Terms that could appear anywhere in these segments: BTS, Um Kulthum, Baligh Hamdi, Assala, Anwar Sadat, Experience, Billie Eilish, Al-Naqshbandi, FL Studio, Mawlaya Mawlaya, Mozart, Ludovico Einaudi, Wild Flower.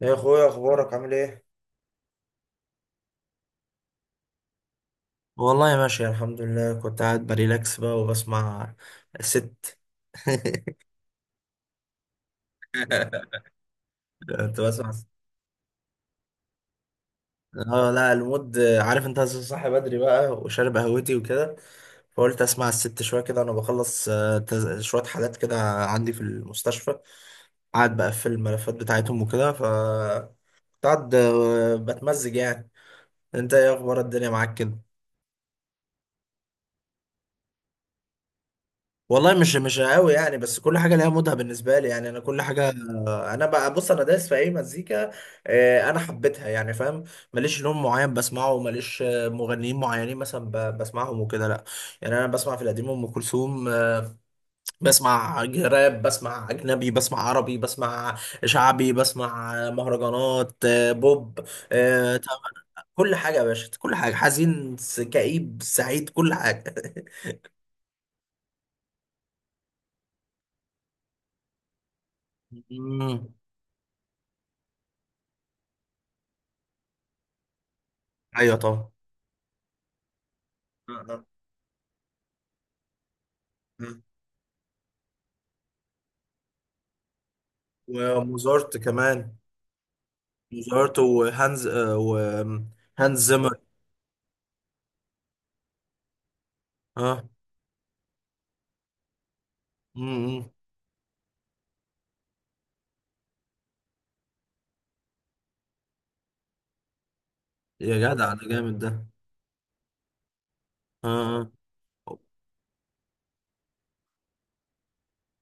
يا اخويا، اخبارك عامل ايه؟ والله ماشي الحمد لله. كنت قاعد بريلاكس بقى وبسمع ست. كنت بسمع ست. اه لا المود، عارف، انت صاحي بدري بقى وشارب قهوتي وكده، فقلت اسمع الست شويه كده انا بخلص. شويه حالات كده عندي في المستشفى، قاعد بقفل الملفات بتاعتهم وكده، ف كنت قاعد بتمزج يعني. انت ايه اخبار الدنيا معاك كده؟ والله مش قوي يعني، بس كل حاجه ليها مودها بالنسبه لي يعني. انا كل حاجه، انا بقى بص، انا دايس في اي مزيكا، انا حبيتها يعني، فاهم. ماليش لون معين بسمعه، ماليش مغنيين معينين مثلا بسمعهم وكده، لا. يعني انا بسمع في القديم ام كلثوم، بسمع راب، بسمع اجنبي، بسمع عربي، بسمع شعبي، بسمع مهرجانات، بوب، طبعا كل حاجه يا باشا، كل حاجه، حزين، كئيب، سعيد، كل حاجه. مم. ايوه طبعا. وموزارت كمان. موزارت وهانز، وهانز زيمر. اه. امم. يا جدع، ده جامد ده. اه.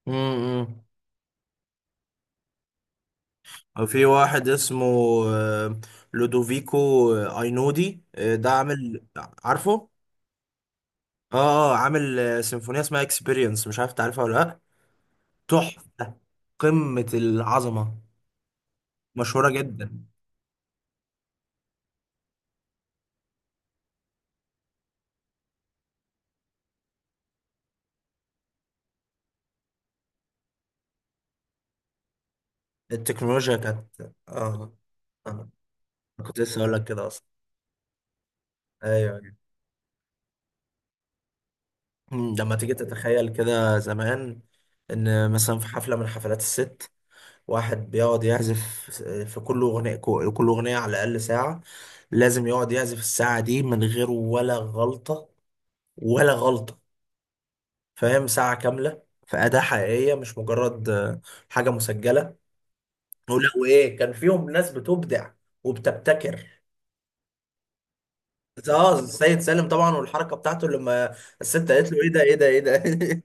امم. وفي واحد اسمه آه، لودوفيكو، اينودي، ده عامل، عارفه. اه، اه، عامل سيمفونية اسمها اكسبيرينس، مش عارف تعرفها ولا لا. تحفة، قمة العظمة، مشهورة جدا. التكنولوجيا كانت، اه، آه. كنت لسه اقول لك كده اصلا. ايوه. مم. لما تيجي تتخيل كده زمان، ان مثلا في حفله من حفلات الست، واحد بيقعد يعزف في كل اغنيه، كل اغنيه على الاقل ساعه، لازم يقعد يعزف الساعه دي من غير ولا غلطه، ولا غلطه. فاهم؟ ساعه كامله في اداه حقيقيه، مش مجرد حاجه مسجله. ولا وايه، كان فيهم ناس بتبدع وبتبتكر. اه، السيد سالم طبعا، والحركه بتاعته لما الست قالت له: ايه ده، ايه ده، ايه ده.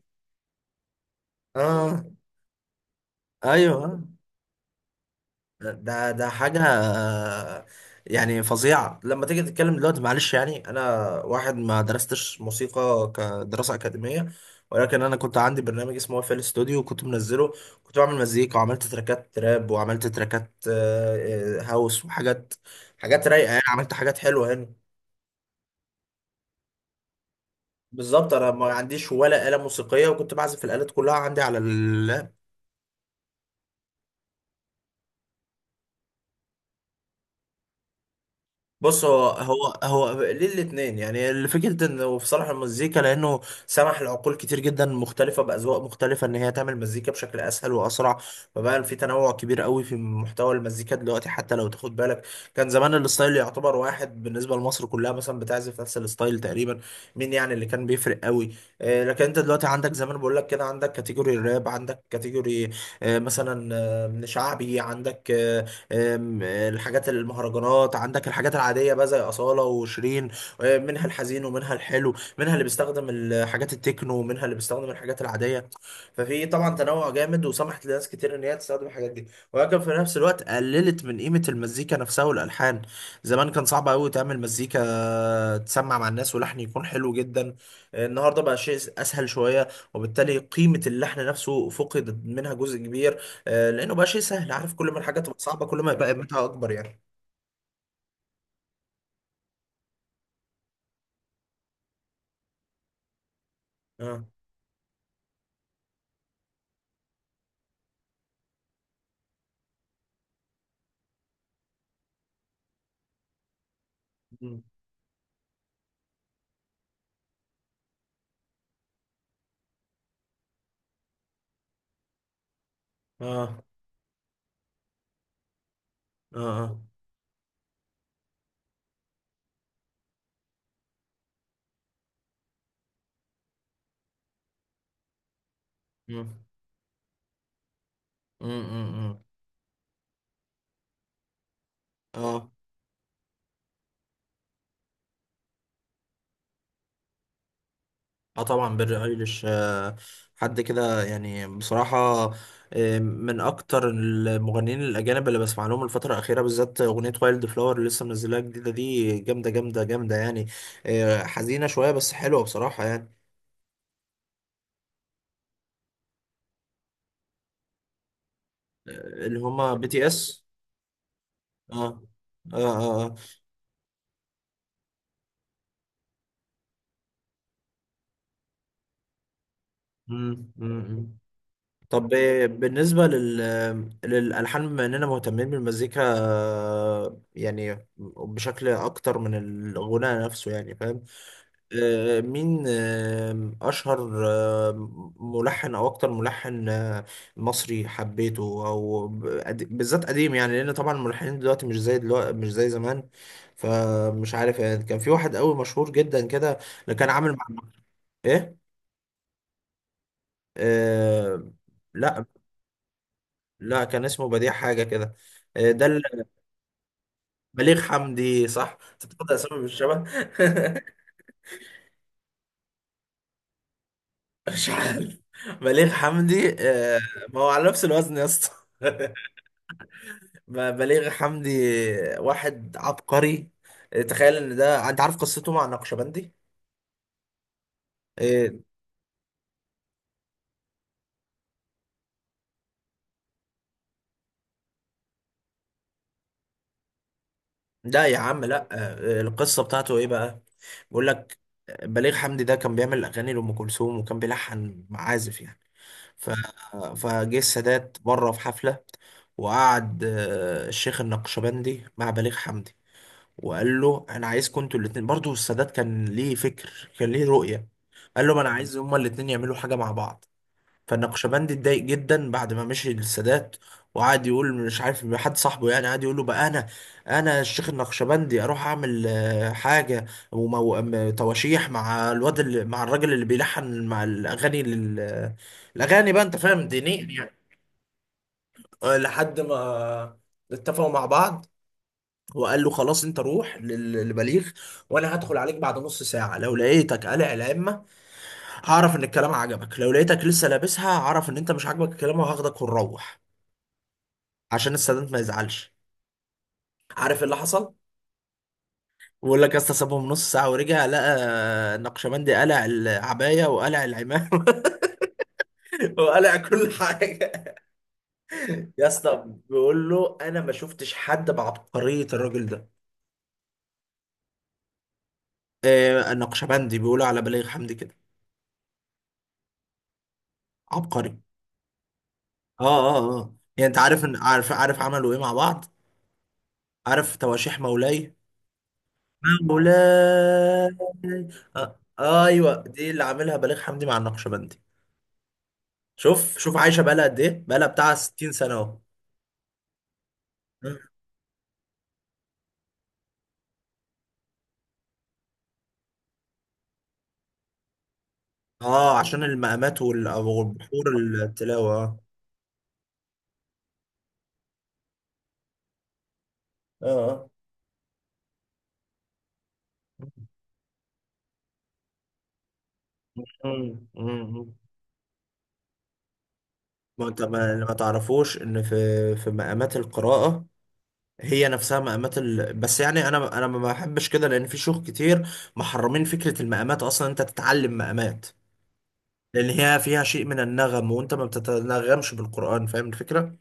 اه، ايوه. ده ده حاجة يعني فظيعة. لما تيجي تتكلم دلوقتي، معلش يعني، أنا واحد ما درستش موسيقى كدراسة أكاديمية، ولكن أنا كنت عندي برنامج اسمه اف ال ستوديو وكنت منزله، كنت بعمل مزيكا، وعملت تراكات تراب، وعملت تراكات هاوس وحاجات، حاجات رايقة يعني، عملت حاجات حلوة يعني. بالظبط. أنا ما عنديش ولا آلة موسيقية، وكنت بعزف الآلات كلها عندي على اللاب. بص، هو ليه الاثنين يعني. الفكرة انه بصراحة المزيكا لانه سمح لعقول كتير جدا مختلفة باذواق مختلفة ان هي تعمل مزيكا بشكل اسهل واسرع، فبقى في تنوع كبير قوي في محتوى المزيكا دلوقتي. حتى لو تاخد بالك، كان زمان الستايل يعتبر واحد بالنسبة لمصر كلها مثلا، بتعزف نفس الستايل تقريبا، مين يعني اللي كان بيفرق قوي؟ لكن انت دلوقتي عندك، زي ما أنا بقول لك كده، عندك كاتيجوري الراب، عندك كاتيجوري مثلا من شعبي، عندك آه، آم، آه، الحاجات المهرجانات، عندك الحاجات العادية بقى زي أصالة وشيرين. منها الحزين ومنها الحلو، منها اللي بيستخدم الحاجات التكنو ومنها اللي بيستخدم الحاجات العادية. ففي طبعا تنوع جامد، وسمحت لناس كتير إن هي تستخدم الحاجات دي، ولكن في نفس الوقت قللت من قيمة المزيكا نفسها والألحان. زمان كان صعب قوي تعمل مزيكا تسمع مع الناس ولحن يكون حلو جدا، النهارده بقى شيء اسهل شويه، وبالتالي قيمه اللحن نفسه فقدت منها جزء كبير. لانه بقى شيء سهل. عارف، كل ما الحاجه تبقى صعبه، كل ما يبقى قيمتها اكبر يعني. اه. مم. اه اه. اه. مم. مم. مم. مم. اه اه طبعا، بيلي ايليش آه، حد كده يعني بصراحة. آه، من اكتر المغنيين الاجانب اللي بسمع لهم الفترة الاخيرة بالذات، اغنية وايلد فلاور اللي لسه منزلها جديدة، دي جامدة جامدة جامدة يعني. آه حزينة شوية بس حلوة بصراحة يعني. آه اللي هما بي تي اس. اه اه اه، آه. مم. مم. طب بالنسبة للألحان، بما إننا مهتمين بالمزيكا يعني بشكل أكتر من الغناء نفسه، يعني فاهم؟ مين أشهر ملحن، أو أكتر ملحن مصري حبيته، أو بالذات قديم يعني، لأن طبعا الملحنين دلوقتي، مش زي دلوقتي مش زي زمان. فمش عارف يعني، كان في واحد قوي مشهور جدا كده اللي كان عامل مع. إيه؟ آه، لا لا، كان اسمه بديع حاجة كده، آه، ده اللي- بليغ حمدي، صح. أنت بتاخد أسامي بالشبه. مش عارف. بليغ حمدي ما هو على نفس الوزن يا اسطى. بليغ حمدي، واحد عبقري. تخيل ان ده، انت عارف قصته مع النقشبندي؟ آه، لا يا عم، لا. القصة بتاعته ايه بقى؟ بيقول لك: بليغ حمدي ده كان بيعمل اغاني لأم كلثوم وكان بيلحن معازف يعني، ف... فجه السادات بره في حفلة، وقعد الشيخ النقشبندي مع بليغ حمدي، وقال له: انا عايزكم انتوا الاتنين. برضو السادات كان ليه فكر، كان ليه رؤية. قال له: ما انا عايز هما الاتنين يعملوا حاجة مع بعض. فالنقشبندي اتضايق جدا بعد ما مشي للسادات، وقعد يقول مش عارف حد صاحبه يعني، قعد يقول له بقى: انا، الشيخ النقشبندي، اروح اعمل حاجه تواشيح مع الواد، اللي مع الراجل اللي بيلحن مع الاغاني الاغاني بقى، انت فاهم، دينيا يعني. لحد ما اتفقوا مع بعض، وقال له: خلاص، انت روح للبليغ، وانا هدخل عليك بعد نص ساعه، لو لقيتك قلع العمه، هعرف ان الكلام عجبك، لو لقيتك لسه لابسها، هعرف ان انت مش عاجبك الكلام وهاخدك ونروح، عشان السادات ما يزعلش. عارف إيه اللي حصل؟ بقول لك يا اسطى، سابهم نص ساعه ورجع، لقى النقشبندي قلع العبايه وقلع العمامه، وقلع كل حاجه يا اسطى. بيقول له: انا ما شفتش حد بعبقريه الراجل ده. آه النقشبندي بيقولوا على بليغ حمدي كده، عبقري. اه اه اه. يعني انت عارف، عارف عملوا ايه مع بعض؟ عارف تواشيح مولاي؟ مولاي. آه ايوه، دي اللي عاملها بليغ حمدي مع النقشبندي. شوف شوف، عايشه بقالها قد ايه، بقالها بتاع 60 سنه اهو. مم. اه عشان المقامات والبحور، التلاوه، اه اه. مم. مم. ما انت ما تعرفوش ان في، في مقامات القراءة هي نفسها مقامات ال...، بس يعني انا، ما بحبش كده، لان في شيوخ كتير محرمين فكرة المقامات اصلا، انت تتعلم مقامات لان هي فيها شيء من النغم وانت ما بتتنغمش بالقرآن، فاهم الفكرة؟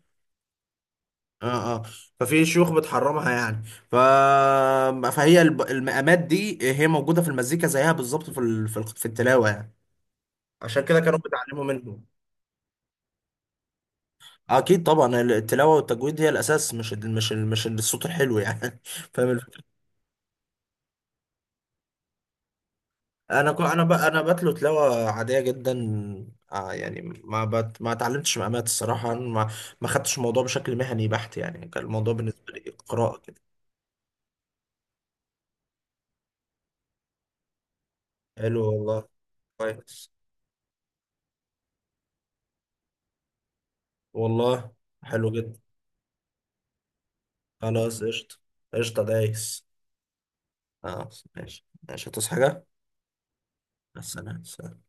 اه اه. ففي شيوخ بتحرمها يعني، ف... فهي المقامات دي هي موجوده في المزيكا زيها بالظبط في في التلاوه يعني، عشان كده كانوا بيتعلموا منهم. اكيد طبعا، التلاوه والتجويد هي الاساس، مش مش الصوت الحلو يعني. فاهم الفكره؟ انا انا بتلو تلاوه عاديه جدا، آه يعني ما اتعلمتش مقامات الصراحه، ما خدتش الموضوع بشكل مهني بحت يعني، كان الموضوع بالنسبه لي قراءه كده. حلو والله، كويس. والله حلو جدا، خلاص قشطة. قشطة دايس. خلاص ماشي، ماشي. هتصحى حاجة؟ مع السلامة.